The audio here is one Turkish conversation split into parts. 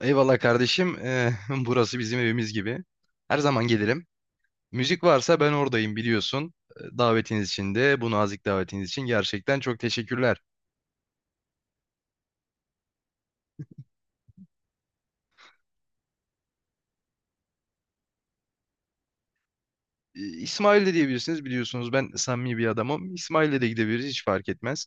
Eyvallah kardeşim. Burası bizim evimiz gibi. Her zaman gelirim. Müzik varsa ben oradayım biliyorsun. Davetiniz için de bu nazik davetiniz için gerçekten çok teşekkürler. İsmail de diyebilirsiniz biliyorsunuz, ben samimi bir adamım. İsmail'le de gidebiliriz, hiç fark etmez.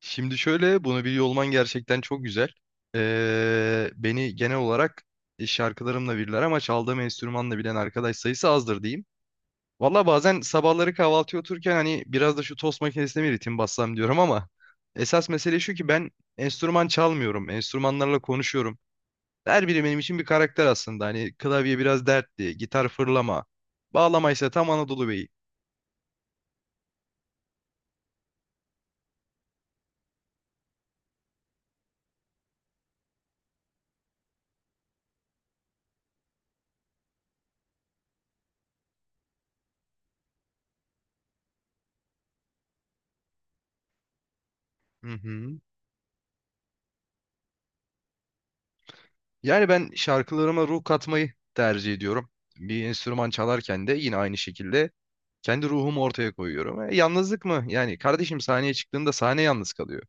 Şimdi şöyle, bunu biliyor olman gerçekten çok güzel. Beni genel olarak şarkılarımla bilirler ama çaldığım enstrümanla bilen arkadaş sayısı azdır diyeyim. Valla bazen sabahları kahvaltıya otururken hani biraz da şu tost makinesine bir ritim bassam diyorum ama esas mesele şu ki, ben enstrüman çalmıyorum. Enstrümanlarla konuşuyorum. Her biri benim için bir karakter aslında. Hani klavye biraz dertli, gitar fırlama, bağlama ise tam Anadolu Beyi. Hı hı. Yani ben şarkılarıma ruh katmayı tercih ediyorum. Bir enstrüman çalarken de yine aynı şekilde kendi ruhumu ortaya koyuyorum. E, yalnızlık mı? Yani kardeşim, sahneye çıktığında sahne yalnız kalıyor.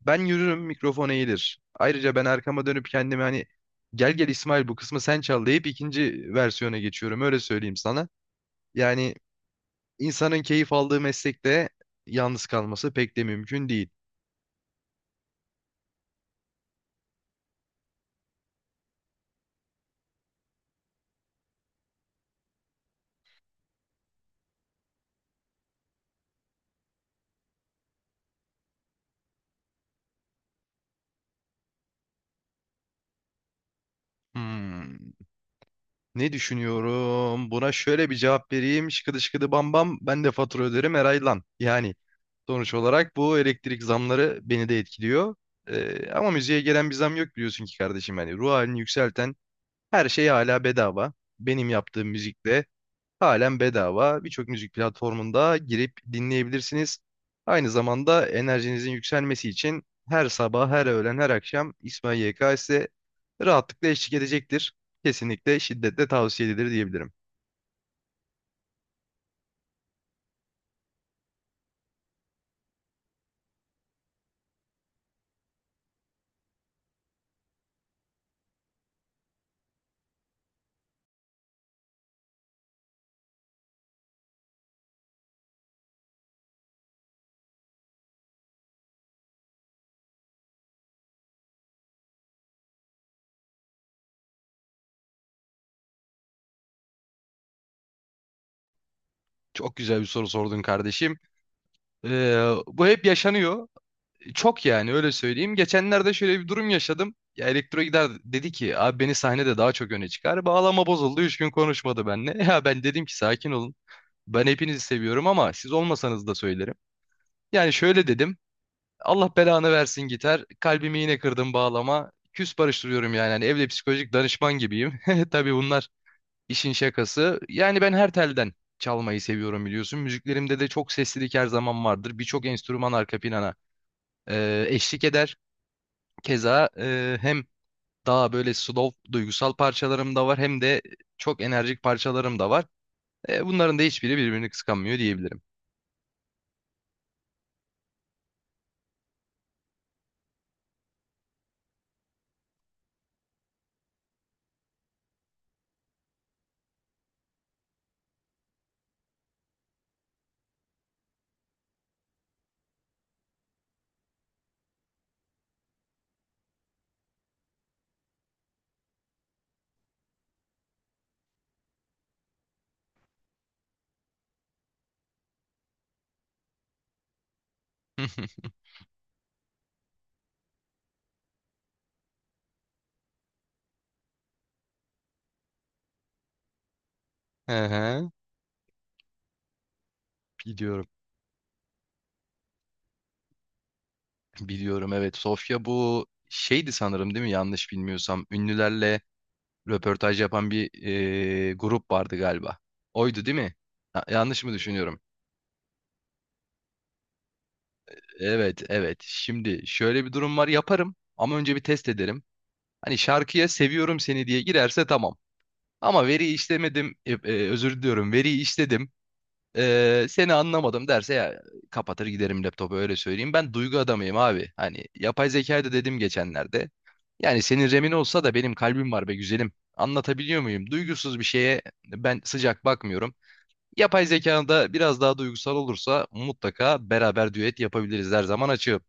Ben yürürüm, mikrofon eğilir. Ayrıca ben arkama dönüp kendime hani gel gel İsmail, bu kısmı sen çal deyip ikinci versiyona geçiyorum, öyle söyleyeyim sana. Yani insanın keyif aldığı meslekte yalnız kalması pek de mümkün değil. Hmm, ne düşünüyorum? Buna şöyle bir cevap vereyim. Şıkıdı şıkıdı bam bam, ben de fatura öderim her lan. Yani sonuç olarak bu elektrik zamları beni de etkiliyor. Ama müziğe gelen bir zam yok, biliyorsun ki kardeşim. Yani ruh halini yükselten her şey hala bedava. Benim yaptığım müzik de halen bedava. Birçok müzik platformunda girip dinleyebilirsiniz. Aynı zamanda enerjinizin yükselmesi için her sabah, her öğlen, her akşam İsmail YK size rahatlıkla eşlik edecektir. Kesinlikle şiddetle tavsiye edilir diyebilirim. Çok güzel bir soru sordun kardeşim. Bu hep yaşanıyor. Çok, yani öyle söyleyeyim. Geçenlerde şöyle bir durum yaşadım. Ya elektro gider dedi ki, abi beni sahnede daha çok öne çıkar. Bağlama bozuldu. Üç gün konuşmadı benimle. Ya ben dedim ki sakin olun. Ben hepinizi seviyorum ama siz olmasanız da söylerim. Yani şöyle dedim. Allah belanı versin gitar. Kalbimi yine kırdım bağlama. Küs barıştırıyorum yani. Hani evde psikolojik danışman gibiyim. Tabii bunlar işin şakası. Yani ben her telden çalmayı seviyorum biliyorsun. Müziklerimde de çok seslilik her zaman vardır. Birçok enstrüman arka plana eşlik eder. Keza hem daha böyle slow duygusal parçalarım da var hem de çok enerjik parçalarım da var. Bunların da hiçbiri birbirini kıskanmıyor diyebilirim. Ehe, biliyorum. Biliyorum evet. Sofya bu şeydi sanırım değil mi? Yanlış bilmiyorsam. Ünlülerle röportaj yapan bir grup vardı galiba. Oydu değil mi? Ha, yanlış mı düşünüyorum? Evet, evet. Şimdi şöyle bir durum var. Yaparım ama önce bir test ederim. Hani şarkıya seviyorum seni diye girerse tamam. Ama veriyi işlemedim, özür diliyorum, veriyi işledim, seni anlamadım derse, ya kapatır giderim laptopu, öyle söyleyeyim. Ben duygu adamıyım abi. Hani yapay zekayı da dedim geçenlerde. Yani senin remin olsa da benim kalbim var be güzelim. Anlatabiliyor muyum? Duygusuz bir şeye ben sıcak bakmıyorum. Yapay zekanın da biraz daha duygusal olursa mutlaka beraber düet yapabiliriz. Her zaman açığım.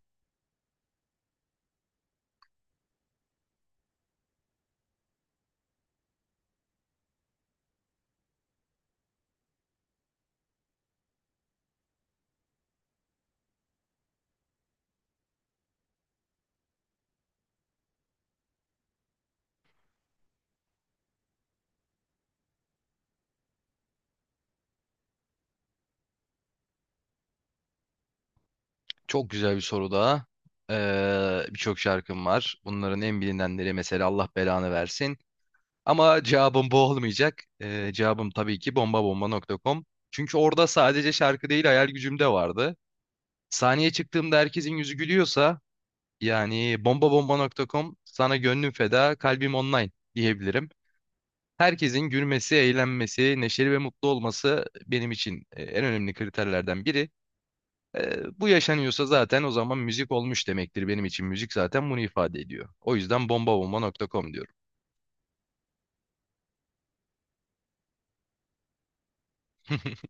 Çok güzel bir soru daha. Birçok şarkım var. Bunların en bilinenleri mesela Allah belanı versin. Ama cevabım bu olmayacak. Cevabım tabii ki bombabomba.com. Çünkü orada sadece şarkı değil hayal gücüm de vardı. Sahneye çıktığımda herkesin yüzü gülüyorsa, yani bombabomba.com sana gönlüm feda, kalbim online diyebilirim. Herkesin gülmesi, eğlenmesi, neşeli ve mutlu olması benim için en önemli kriterlerden biri. Bu yaşanıyorsa zaten o zaman müzik olmuş demektir benim için. Müzik zaten bunu ifade ediyor. O yüzden bombabomba.com diyorum.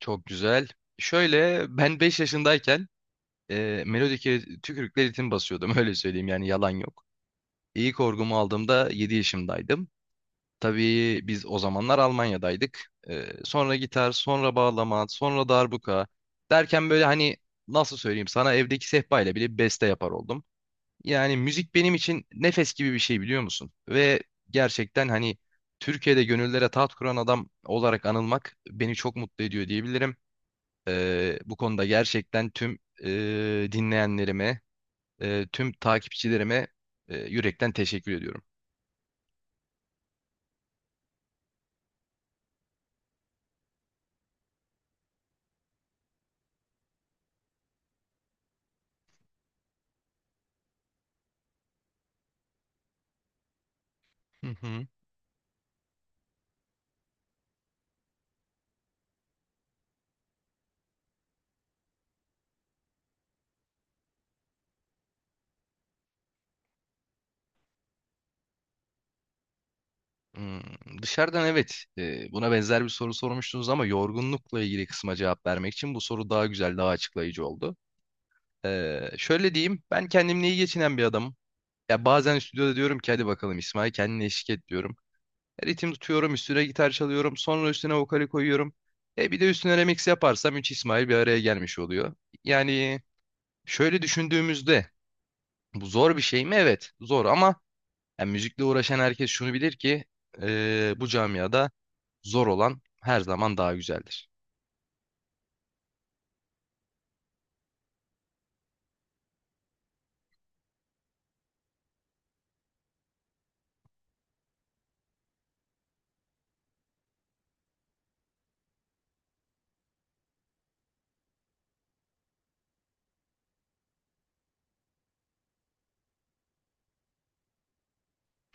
Çok güzel. Şöyle, ben 5 yaşındayken melodike tükürükle ritim basıyordum, öyle söyleyeyim, yani yalan yok. İlk orgumu aldığımda 7 yaşındaydım. Tabii biz o zamanlar Almanya'daydık. Sonra gitar, sonra bağlama, sonra darbuka derken böyle hani nasıl söyleyeyim sana, evdeki sehpa ile bile beste yapar oldum. Yani müzik benim için nefes gibi bir şey, biliyor musun? Ve gerçekten hani Türkiye'de gönüllere taht kuran adam olarak anılmak beni çok mutlu ediyor diyebilirim. Bu konuda gerçekten tüm dinleyenlerime, tüm takipçilerime yürekten teşekkür ediyorum. Hı hı. Hmm, dışarıdan evet, buna benzer bir soru sormuştunuz ama yorgunlukla ilgili kısma cevap vermek için bu soru daha güzel, daha açıklayıcı oldu. Şöyle diyeyim, ben kendimle iyi geçinen bir adamım. Ya bazen stüdyoda diyorum ki, hadi bakalım İsmail kendine eşlik et diyorum. Ritim tutuyorum, üstüne gitar çalıyorum, sonra üstüne vokali koyuyorum. E bir de üstüne remix yaparsam 3 İsmail bir araya gelmiş oluyor. Yani şöyle düşündüğümüzde, bu zor bir şey mi? Evet, zor ama yani müzikle uğraşan herkes şunu bilir ki, bu camiada zor olan her zaman daha güzeldir.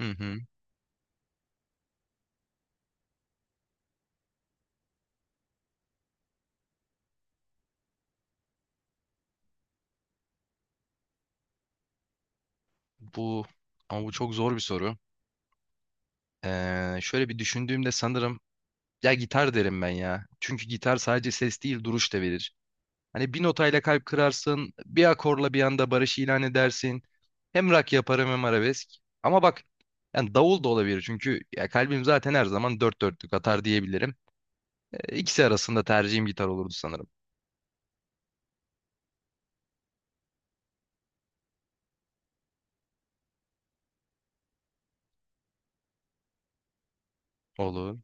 Hı hı. Bu ama bu çok zor bir soru. Şöyle bir düşündüğümde sanırım, ya gitar derim ben ya. Çünkü gitar sadece ses değil, duruş da verir. Hani bir notayla kalp kırarsın, bir akorla bir anda barış ilan edersin. Hem rock yaparım hem arabesk. Ama bak, yani davul da olabilir çünkü ya kalbim zaten her zaman dört dörtlük atar diyebilirim. İkisi arasında tercihim gitar olurdu sanırım. Olur.